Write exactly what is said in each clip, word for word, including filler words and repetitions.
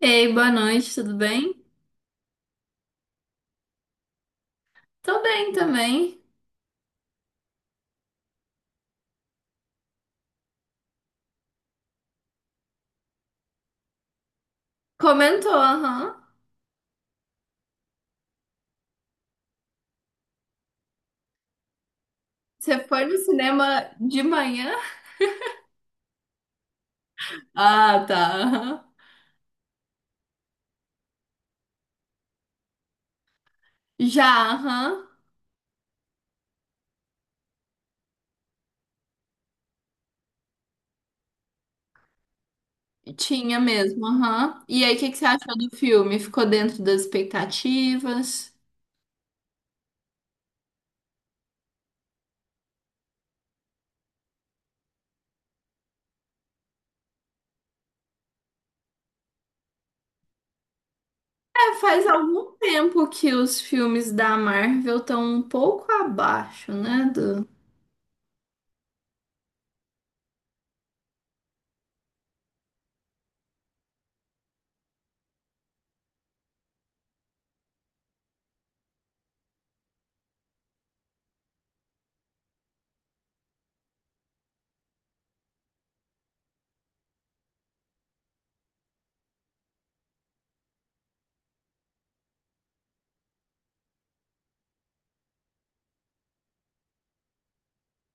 Ei, boa noite, tudo bem? Tô bem também. Comentou, aham. Você foi no cinema de manhã? Ah, tá, aham. Já, aham. Tinha mesmo, aham. E aí, o que que você achou do filme? Ficou dentro das expectativas? É, faz algum tempo que os filmes da Marvel estão um pouco abaixo, né? Do...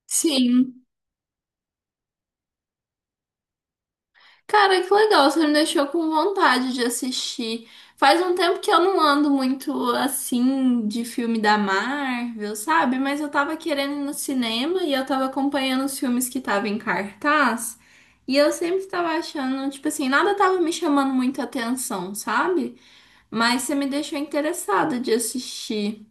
Sim. Cara, que legal, você me deixou com vontade de assistir. Faz um tempo que eu não ando muito assim de filme da Marvel, sabe? Mas eu tava querendo ir no cinema e eu tava acompanhando os filmes que estavam em cartaz. E eu sempre tava achando, tipo assim, nada tava me chamando muita atenção, sabe? Mas você me deixou interessada de assistir.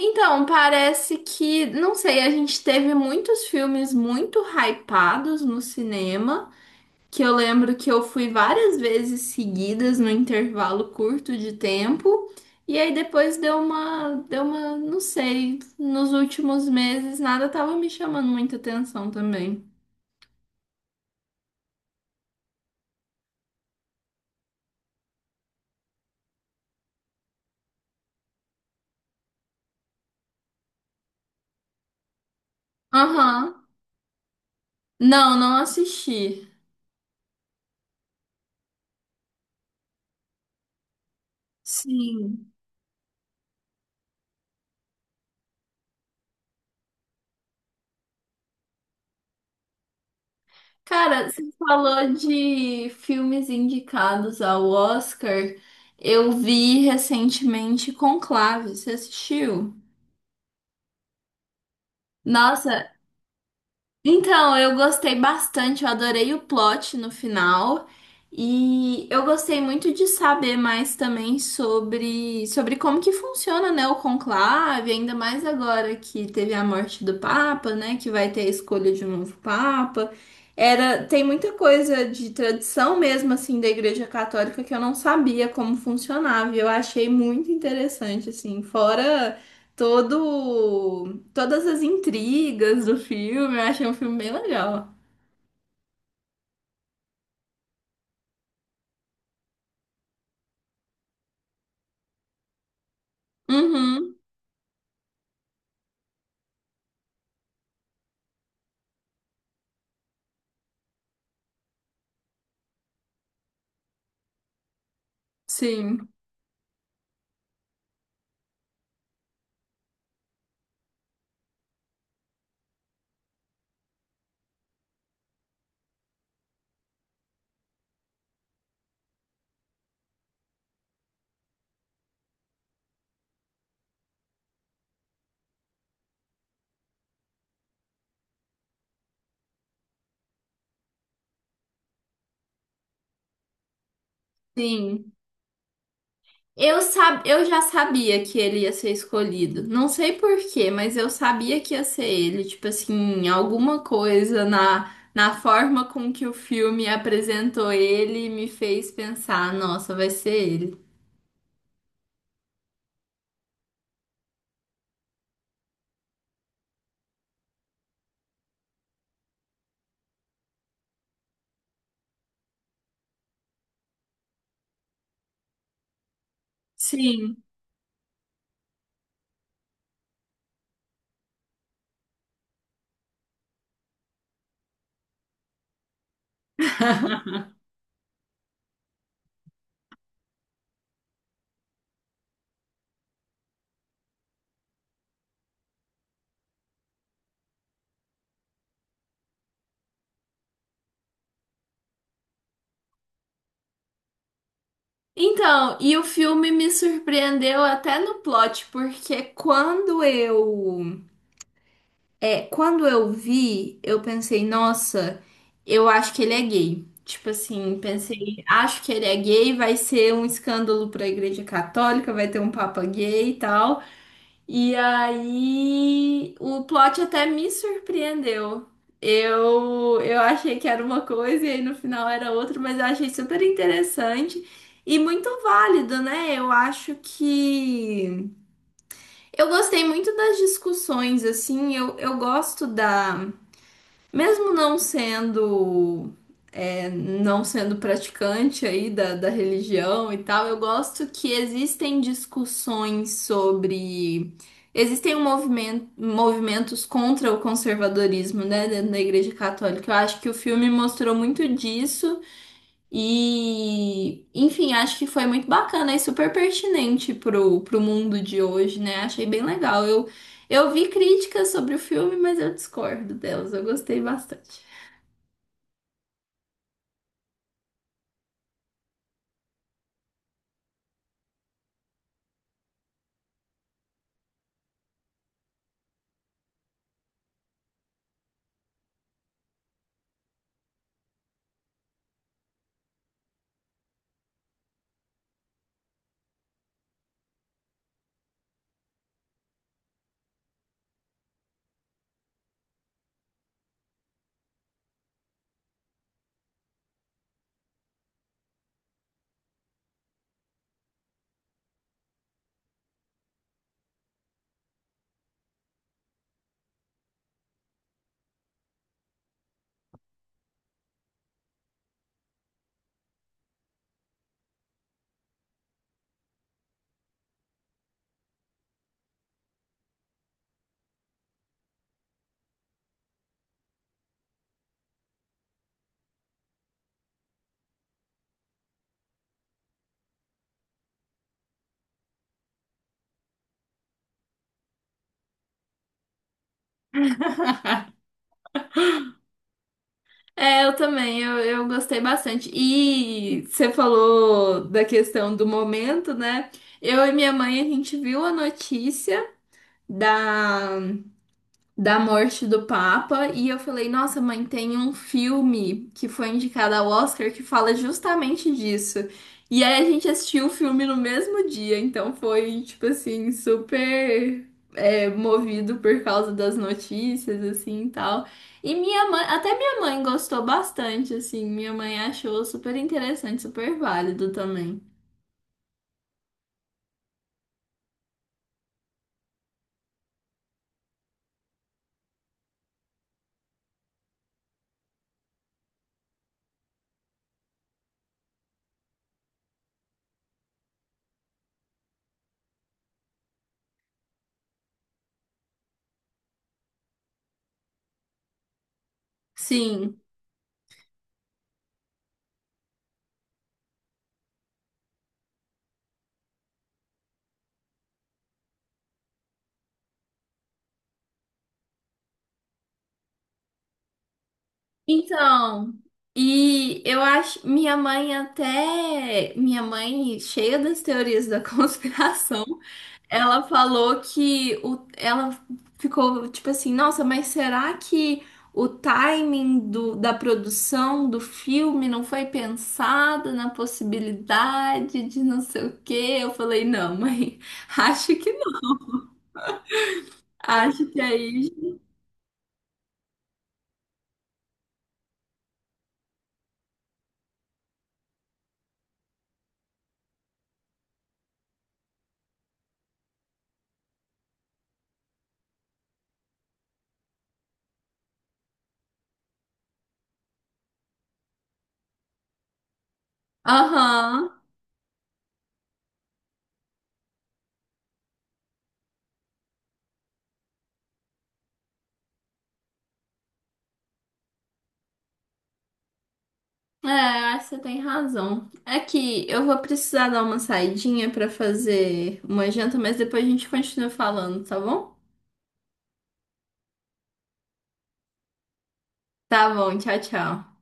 Então, parece que, não sei, a gente teve muitos filmes muito hypados no cinema, que eu lembro que eu fui várias vezes seguidas no intervalo curto de tempo. E aí depois deu uma, deu uma, não sei, nos últimos meses nada tava me chamando muita atenção também. Aham. Não, não assisti. Sim. Cara, você falou de filmes indicados ao Oscar. Eu vi recentemente Conclave. Você assistiu? Nossa. Então, eu gostei bastante, eu adorei o plot no final. E eu gostei muito de saber mais também sobre, sobre como que funciona, né, o conclave, ainda mais agora que teve a morte do Papa, né, que vai ter a escolha de um novo Papa. Era, tem muita coisa de tradição mesmo, assim, da Igreja Católica que eu não sabia como funcionava. E eu achei muito interessante, assim, fora todo, todas as intrigas do filme. Eu achei um filme bem legal. Uhum, sim, sim. Eu, sab... eu já sabia que ele ia ser escolhido. Não sei por quê, mas eu sabia que ia ser ele. Tipo assim, alguma coisa na, na forma com que o filme apresentou ele me fez pensar, nossa, vai ser ele. Sim. Então, e o filme me surpreendeu até no plot, porque quando eu É, quando eu vi, eu pensei, nossa, eu acho que ele é gay. Tipo assim, pensei, acho que ele é gay, vai ser um escândalo para a Igreja Católica, vai ter um papa gay e tal. E aí, o plot até me surpreendeu. Eu, eu achei que era uma coisa e aí no final era outra, mas eu achei super interessante e muito válido, né? Eu acho que eu gostei muito das discussões, assim, eu, eu gosto da, mesmo não sendo, é, não sendo praticante aí da, da religião e tal, eu gosto que existem discussões sobre. Existem um movimento, movimentos contra o conservadorismo, né, dentro da Igreja Católica. Eu acho que o filme mostrou muito disso. E, enfim, acho que foi muito bacana e super pertinente pro, pro mundo de hoje, né? Achei bem legal. Eu, eu vi críticas sobre o filme, mas eu discordo delas. Eu gostei bastante. É, eu também, eu, eu gostei bastante. E você falou da questão do momento, né? Eu e minha mãe, a gente viu a notícia da, da morte do Papa e eu falei, nossa, mãe, tem um filme que foi indicado ao Oscar que fala justamente disso. E aí a gente assistiu o filme no mesmo dia, então foi tipo assim, super, é, movido por causa das notícias, assim, e tal. E minha mãe, até minha mãe gostou bastante, assim, minha mãe achou super interessante, super válido também. Sim. Então, e eu acho, minha mãe até, minha mãe, cheia das teorias da conspiração, ela falou que o, ela ficou tipo assim, nossa, mas será que o timing do, da produção do filme não foi pensado na possibilidade de não sei o quê? Eu falei, não, mãe, acho que não. Acho que aí. Aham. É, acho que você tem razão. É que eu vou precisar dar uma saidinha pra fazer uma janta, mas depois a gente continua falando, tá bom? Tá bom, tchau, tchau.